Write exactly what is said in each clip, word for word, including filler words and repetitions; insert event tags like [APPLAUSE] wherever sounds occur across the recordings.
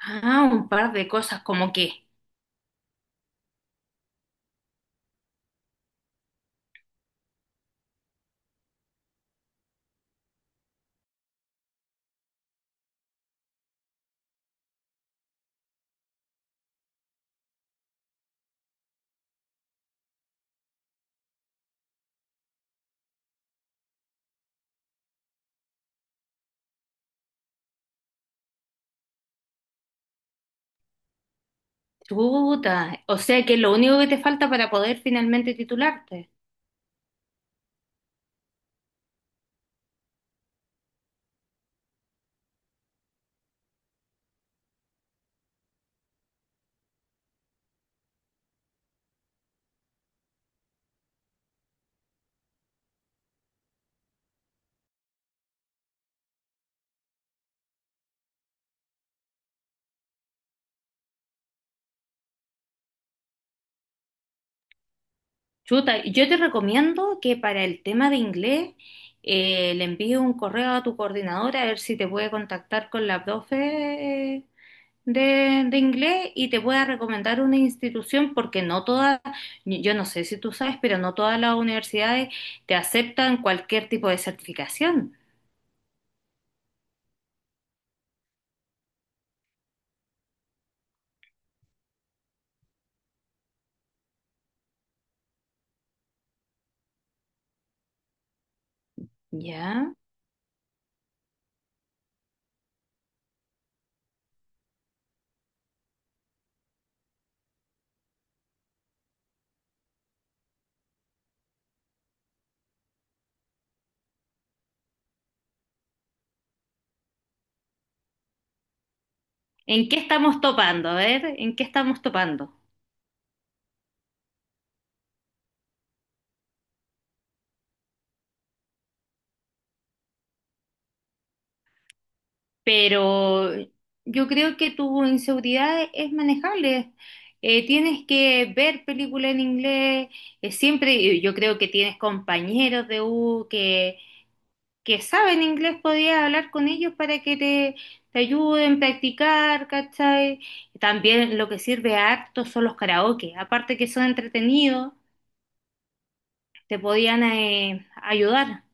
Ah, un par de cosas, como que, chuta, o sea que lo único que te falta para poder finalmente titularte. Chuta, yo te recomiendo que para el tema de inglés eh, le envíes un correo a tu coordinadora a ver si te puede contactar con la profe eh, de, de inglés y te pueda recomendar una institución porque no todas, yo no sé si tú sabes, pero no todas las universidades te aceptan cualquier tipo de certificación. ¿Ya? ¿En qué estamos topando? A ver, ¿en qué estamos topando? Pero yo creo que tu inseguridad es manejable. Eh, tienes que ver películas en inglés. Eh, siempre yo creo que tienes compañeros de U que, que saben inglés. Podías hablar con ellos para que te, te ayuden a practicar, ¿cachai? También lo que sirve harto son los karaoke. Aparte que son entretenidos, te podían eh, ayudar.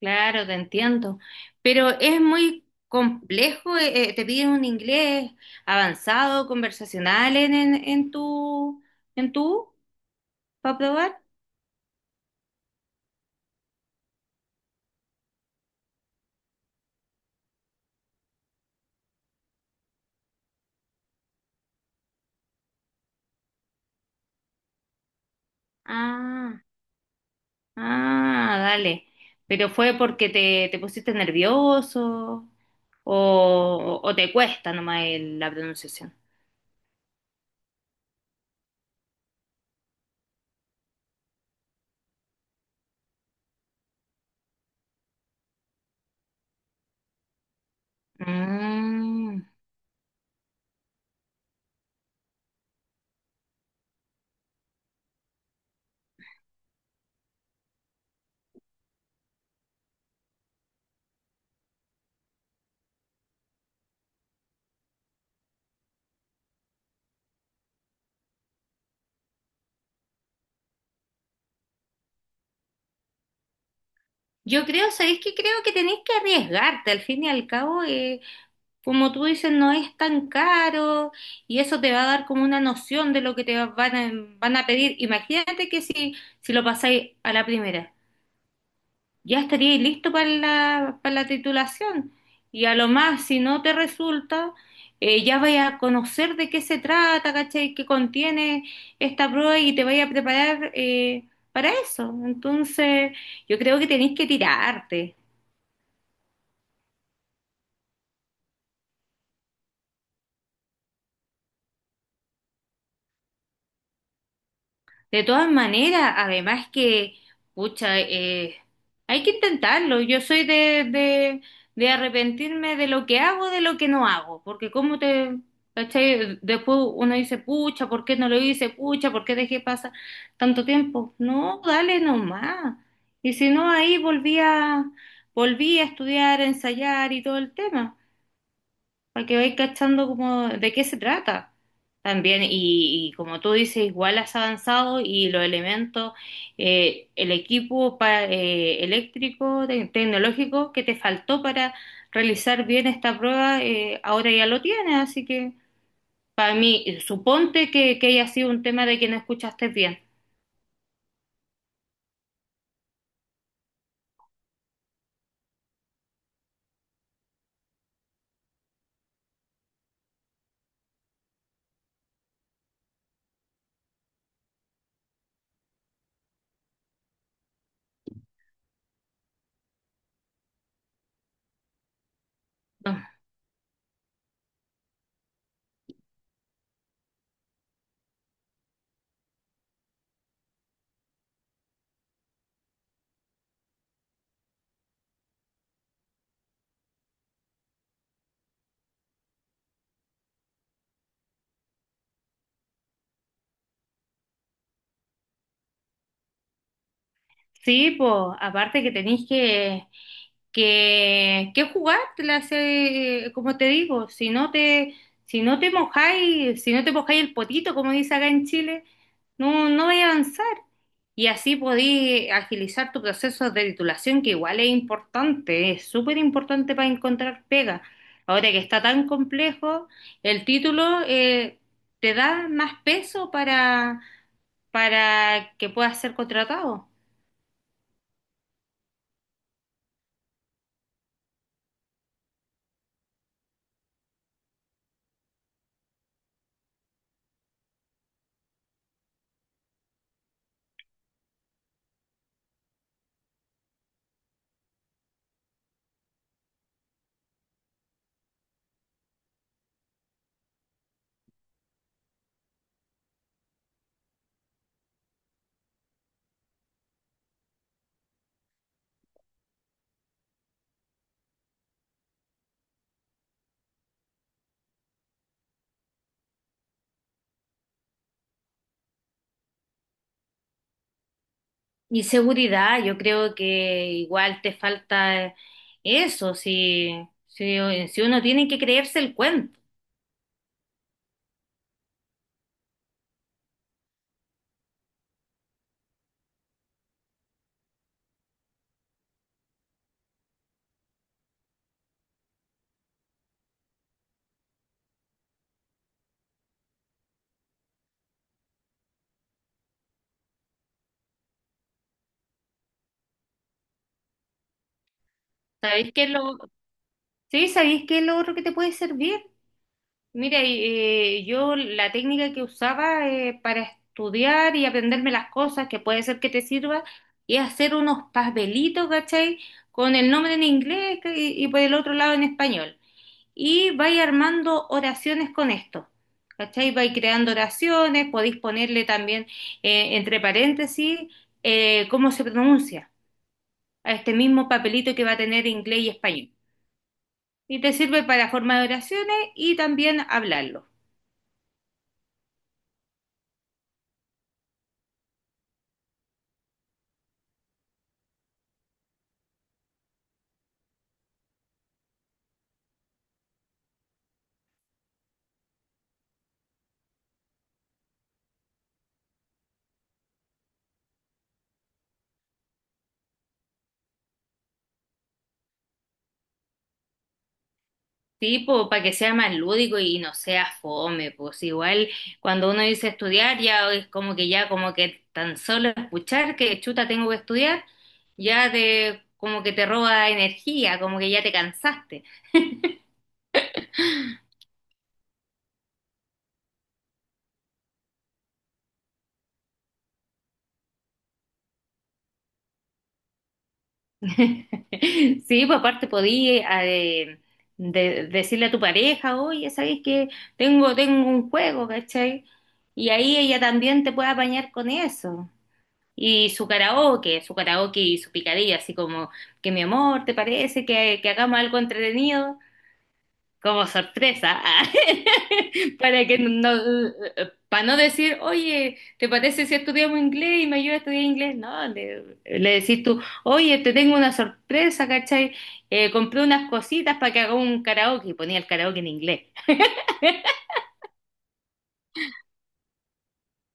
Claro, te entiendo, pero es muy complejo, eh, eh, te piden un inglés avanzado, conversacional en, en, en tu, en tu, para probar. Ah, ah, dale, pero fue porque te, te pusiste nervioso o, o te cuesta nomás el- la pronunciación. Mm. Yo creo, ¿sabéis qué? Creo que tenéis que arriesgarte, al fin y al cabo, eh, como tú dices, no es tan caro y eso te va a dar como una noción de lo que te va- van a, van a pedir. Imagínate que si, si lo pasáis a la primera, ya estaríais listo para la, para la titulación y a lo más, si no te resulta, eh, ya vais a conocer de qué se trata, ¿cachai? ¿Qué contiene esta prueba y te vais a preparar eh, para eso? Entonces, yo creo que tenéis que tirarte. De todas maneras, además que, pucha, eh, hay que intentarlo. Yo soy de, de, de arrepentirme de lo que hago, de lo que no hago, porque como te, ¿cachai? Después uno dice, pucha, ¿por qué no lo hice? Pucha, ¿por qué dejé pasar tanto tiempo? No, dale nomás. Y si no, ahí volví a, volví a estudiar, a ensayar y todo el tema para que vais cachando como de qué se trata también. Y, y como tú dices, igual has avanzado y los elementos, eh, el equipo pa- eh, eléctrico, te- tecnológico que te faltó para realizar bien esta prueba, eh, ahora ya lo tienes. Así que para mí, suponte que, que haya sido un tema de que no escuchaste bien. No. Sí, pues aparte que tenéis que que, que jugártelas, hace eh, como te digo, si no te, si no te mojáis, si no te mojáis el potito, como dice acá en Chile, no, no vais a avanzar. Y así podéis agilizar tu proceso de titulación, que igual es importante, es súper importante para encontrar pega. Ahora que está tan complejo, el título eh, te da más peso para, para que puedas ser contratado. Y seguridad, yo creo que igual te falta eso, si, si, si uno tiene que creerse el cuento. ¿Sabéis qué es lo, sí, sabéis qué es lo otro que te puede servir? Mira, y, eh, yo la técnica que usaba eh, para estudiar y aprenderme las cosas que puede ser que te sirva es hacer unos papelitos, ¿cachai? Con el nombre en inglés y, y por el otro lado en español. Y vais armando oraciones con esto. ¿Cachai? Vais creando oraciones, podéis ponerle también eh, entre paréntesis eh, cómo se pronuncia a este mismo papelito que va a tener inglés y español. Y te sirve para formar oraciones y también hablarlo. Tipo, para que sea más lúdico y no sea fome, pues igual cuando uno dice estudiar ya es como que ya como que tan solo escuchar que chuta tengo que estudiar, ya te como que te roba energía, como que ya te cansaste. [LAUGHS] Sí, pues aparte podía eh, de- decirle a tu pareja, oye, ¿sabes que tengo, tengo un juego, ¿cachai? Y ahí ella también te puede apañar con eso. Y su karaoke, su karaoke y su picadilla, así como que mi amor, ¿te parece que, que hagamos algo entretenido? Como sorpresa, [LAUGHS] para que no, para no decir, oye, ¿te parece si estudiamos inglés y me ayudas a estudiar inglés? No, le, le decís tú, oye, te tengo una sorpresa, ¿cachai? Eh, compré unas cositas para que haga un karaoke, y ponía el karaoke en inglés.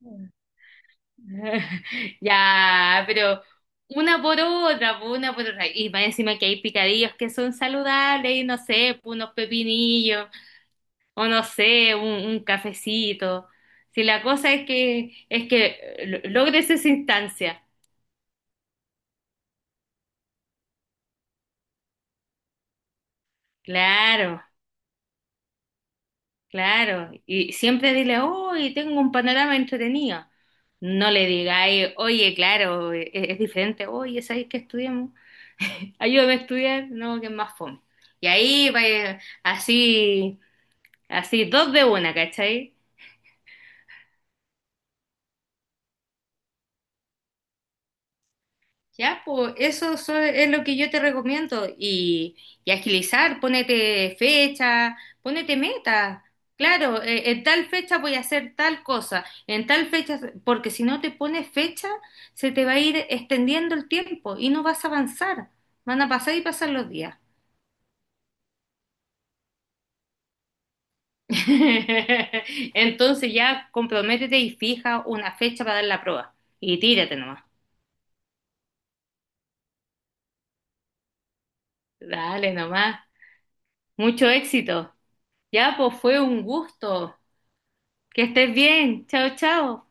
[LAUGHS] Ya, pero una por otra, po, una por otra. Y más encima que hay picadillos que son saludables y no sé, po, unos pepinillos, o no sé, un, un cafecito. Si la cosa es que es que eh, lo- logres esa instancia. Claro, claro. Y siempre dile, hoy tengo un panorama entretenido. No le digáis, oye, claro, e- e, es, diferente, oye, ¿sabéis que estudiamos? Ayúdame a estudiar, no, que es más fome. Y ahí, va, eh, así, así, dos de una, ¿cachai? Ya, pues eso so- es lo que yo te recomiendo. Y, y agilizar, ponete fecha, ponete meta. Claro, eh, en tal fecha voy a hacer tal cosa, en tal fecha, porque si no te pones fecha, se te va a ir extendiendo el tiempo y no vas a avanzar. Van a pasar y pasar los días. [LAUGHS] Entonces ya comprométete y fija una fecha para dar la prueba. Y tírate nomás. Dale nomás. Mucho éxito. Ya, pues fue un gusto. Que estés bien. Chao, chao.